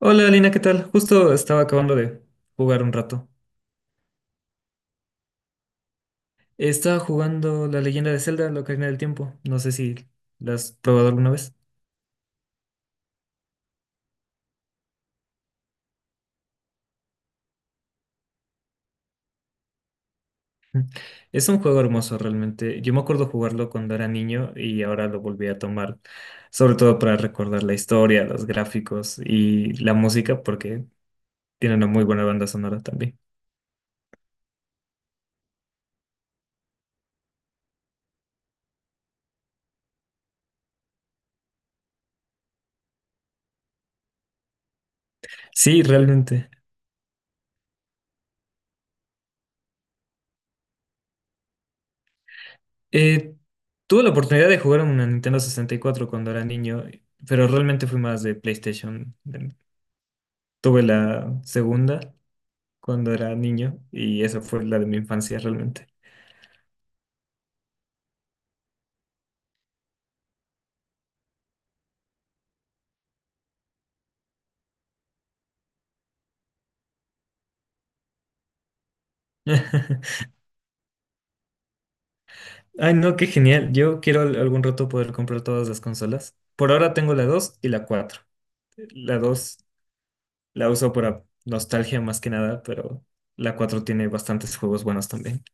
Hola Lina, ¿qué tal? Justo estaba acabando de jugar un rato. Estaba jugando La Leyenda de Zelda, la Ocarina del Tiempo. No sé si la has probado alguna vez. Mm. Es un juego hermoso realmente. Yo me acuerdo jugarlo cuando era niño y ahora lo volví a tomar, sobre todo para recordar la historia, los gráficos y la música, porque tiene una muy buena banda sonora también. Sí, realmente. Eh, tuve la oportunidad de jugar en una Nintendo 64 cuando era niño, pero realmente fui más de PlayStation. Tuve la segunda cuando era niño y esa fue la de mi infancia realmente. Ay, no, qué genial. Yo quiero algún rato poder comprar todas las consolas. Por ahora tengo la 2 y la cuatro. La 2 la uso para nostalgia más que nada, pero la 4 tiene bastantes juegos buenos también.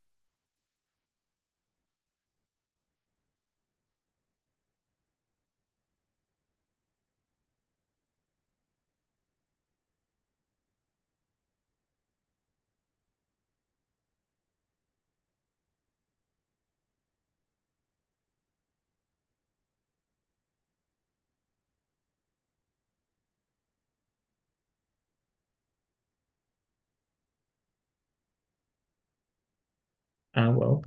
Ah, wow.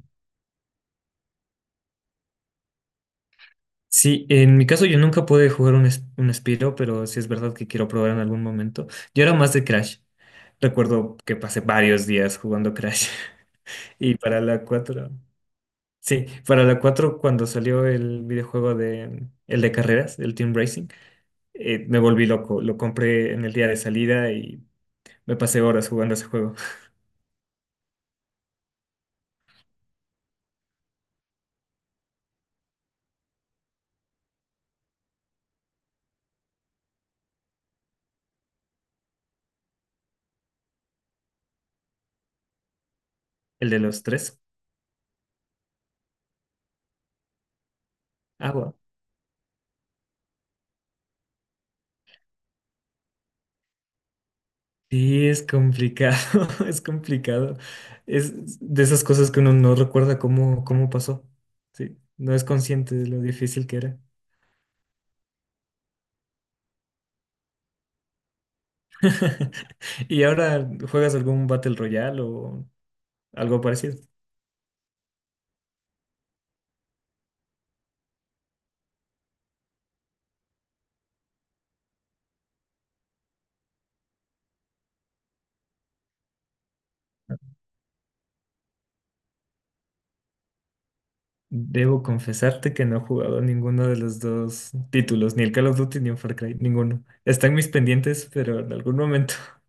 Sí, en mi caso yo nunca pude jugar un Spyro, pero sí es verdad que quiero probar en algún momento. Yo era más de Crash. Recuerdo que pasé varios días jugando Crash. Y para la cuatro. Sí, para la 4 cuando salió el videojuego de el de carreras, el Team Racing, me volví loco. Lo compré en el día de salida y me pasé horas jugando ese juego. El de los tres. Agua. Sí, es complicado, es complicado. Es de esas cosas que uno no recuerda cómo pasó. Sí, no es consciente de lo difícil que era. ¿Y ahora juegas algún Battle Royale o algo parecido? Debo confesarte que no he jugado ninguno de los dos títulos, ni el Call of Duty ni el Far Cry, ninguno. Están mis pendientes, pero en algún momento.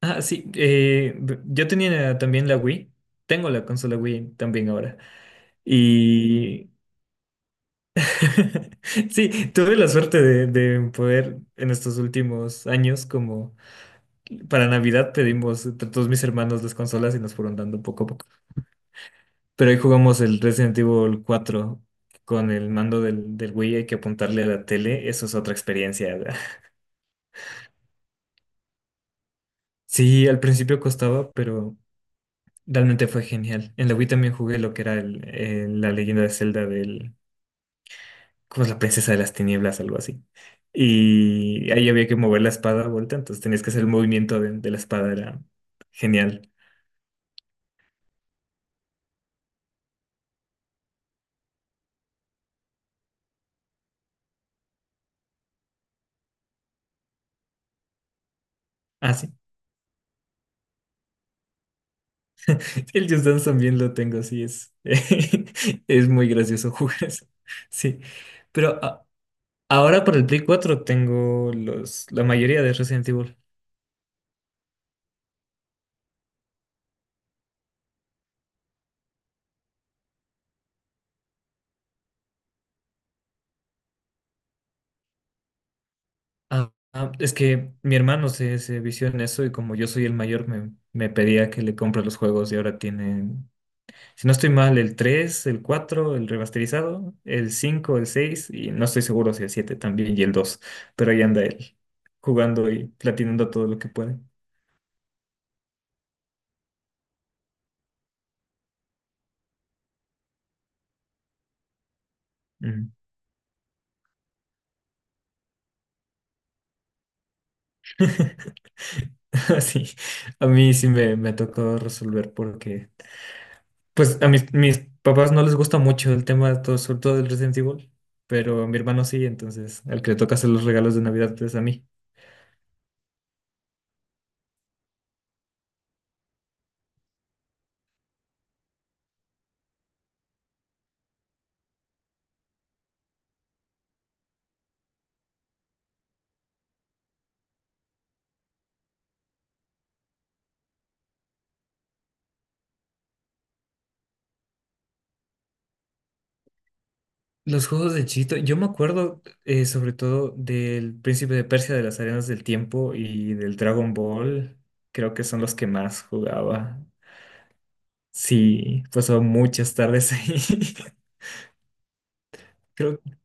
Ah, sí, yo tenía también la Wii, tengo la consola Wii también ahora. Y sí, tuve la suerte de poder en estos últimos años, como para Navidad pedimos entre todos mis hermanos las consolas y nos fueron dando poco a poco. Pero ahí jugamos el Resident Evil 4 con el mando del Wii, hay que apuntarle a la tele, eso es otra experiencia. ¿Verdad? Sí, al principio costaba, pero realmente fue genial. En la Wii también jugué lo que era la Leyenda de Zelda del, ¿cómo es?, la princesa de las tinieblas, algo así. Y ahí había que mover la espada a vuelta, entonces tenías que hacer el movimiento de la espada, era genial. Ah, sí. El Just Dance también lo tengo, sí, es, es muy gracioso jugar eso. Sí. Pero ahora por el Play 4 tengo la mayoría de Resident Evil. Ah, es que mi hermano se vició en eso y como yo soy el mayor me pedía que le compre los juegos y ahora tienen, si no estoy mal, el 3 el 4 el remasterizado, el 5 el 6 y no estoy seguro si el 7 también y el 2 pero ahí anda él jugando y platinando todo lo que puede. Ujú. Sí, a mí sí me tocó resolver porque pues a mis papás no les gusta mucho el tema, de todo, sobre todo del Resident Evil, pero a mi hermano sí, entonces al que le toca hacer los regalos de Navidad es a mí. Los juegos de Chito, yo me acuerdo sobre todo del Príncipe de Persia, de las Arenas del Tiempo y del Dragon Ball, creo que son los que más jugaba. Sí, pasó muchas tardes ahí. Creo que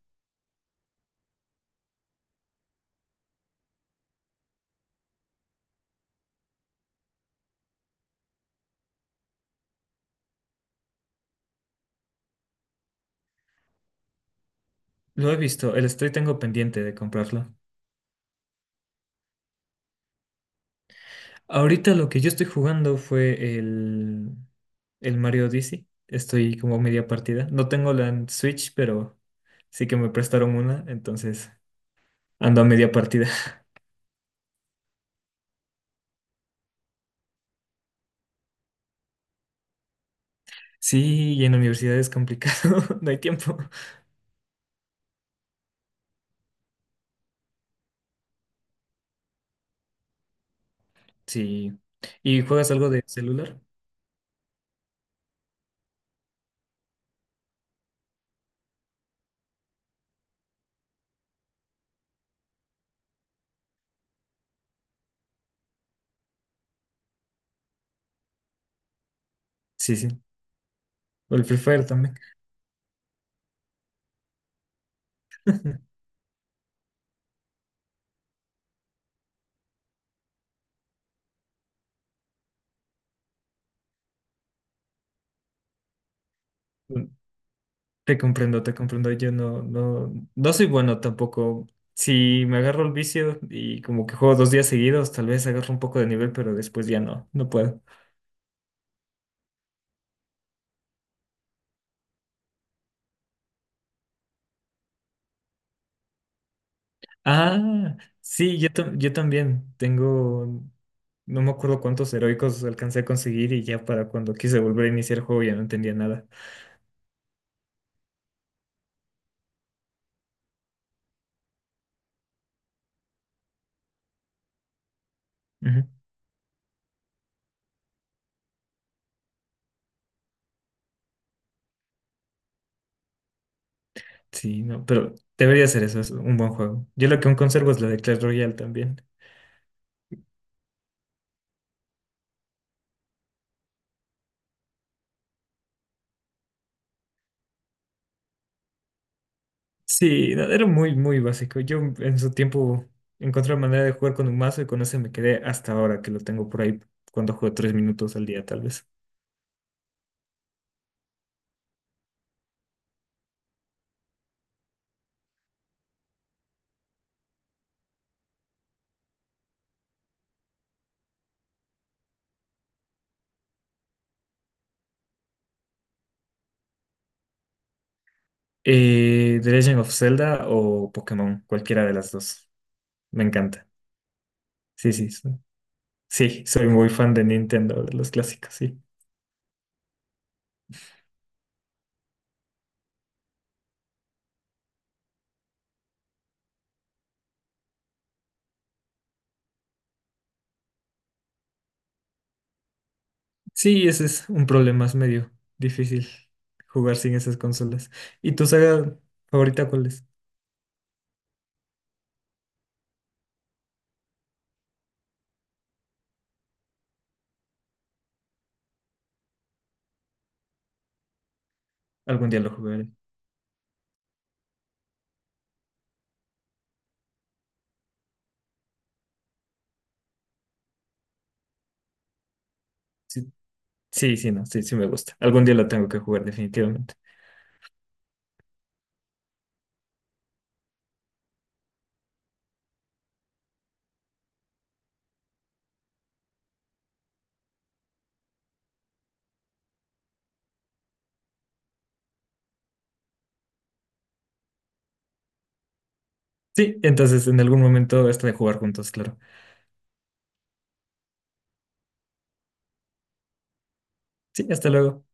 lo he visto, el Stray tengo pendiente de comprarlo. Ahorita lo que yo estoy jugando fue el Mario Odyssey. Estoy como media partida. No tengo la en Switch, pero sí que me prestaron una, entonces ando a media partida. Sí, y en la universidad es complicado, no hay tiempo. Sí. ¿Y juegas algo de celular? Sí, sí. O el Free Fire también. Te comprendo, te comprendo. Yo no, no, no soy bueno tampoco. Si me agarro el vicio y como que juego 2 días seguidos, tal vez agarro un poco de nivel, pero después ya no, no puedo. Ah, sí, yo, yo también tengo, no me acuerdo cuántos heroicos alcancé a conseguir y ya para cuando quise volver a iniciar el juego ya no entendía nada. Ujú. Sí, no, pero debería ser eso, es un buen juego. Yo lo que aún conservo es la de Clash Royale también. Sí, no, era muy, muy básico. Yo en su tiempo encontré la manera de jugar con un mazo y con ese me quedé hasta ahora que lo tengo por ahí cuando juego 3 minutos al día tal vez. The Legend of Zelda o Pokémon, cualquiera de las dos. Me encanta. Sí, sí. Sí. Sí, soy muy fan de Nintendo, de los clásicos, sí. Sí, ese es un problema, es medio difícil jugar sin esas consolas. ¿Y tu saga favorita cuál es? Algún día lo jugaré. Sí, sí, sí, no, sí, sí me gusta. Algún día lo tengo que jugar definitivamente. Sí, entonces en algún momento hasta de jugar juntos, claro. Sí, hasta luego.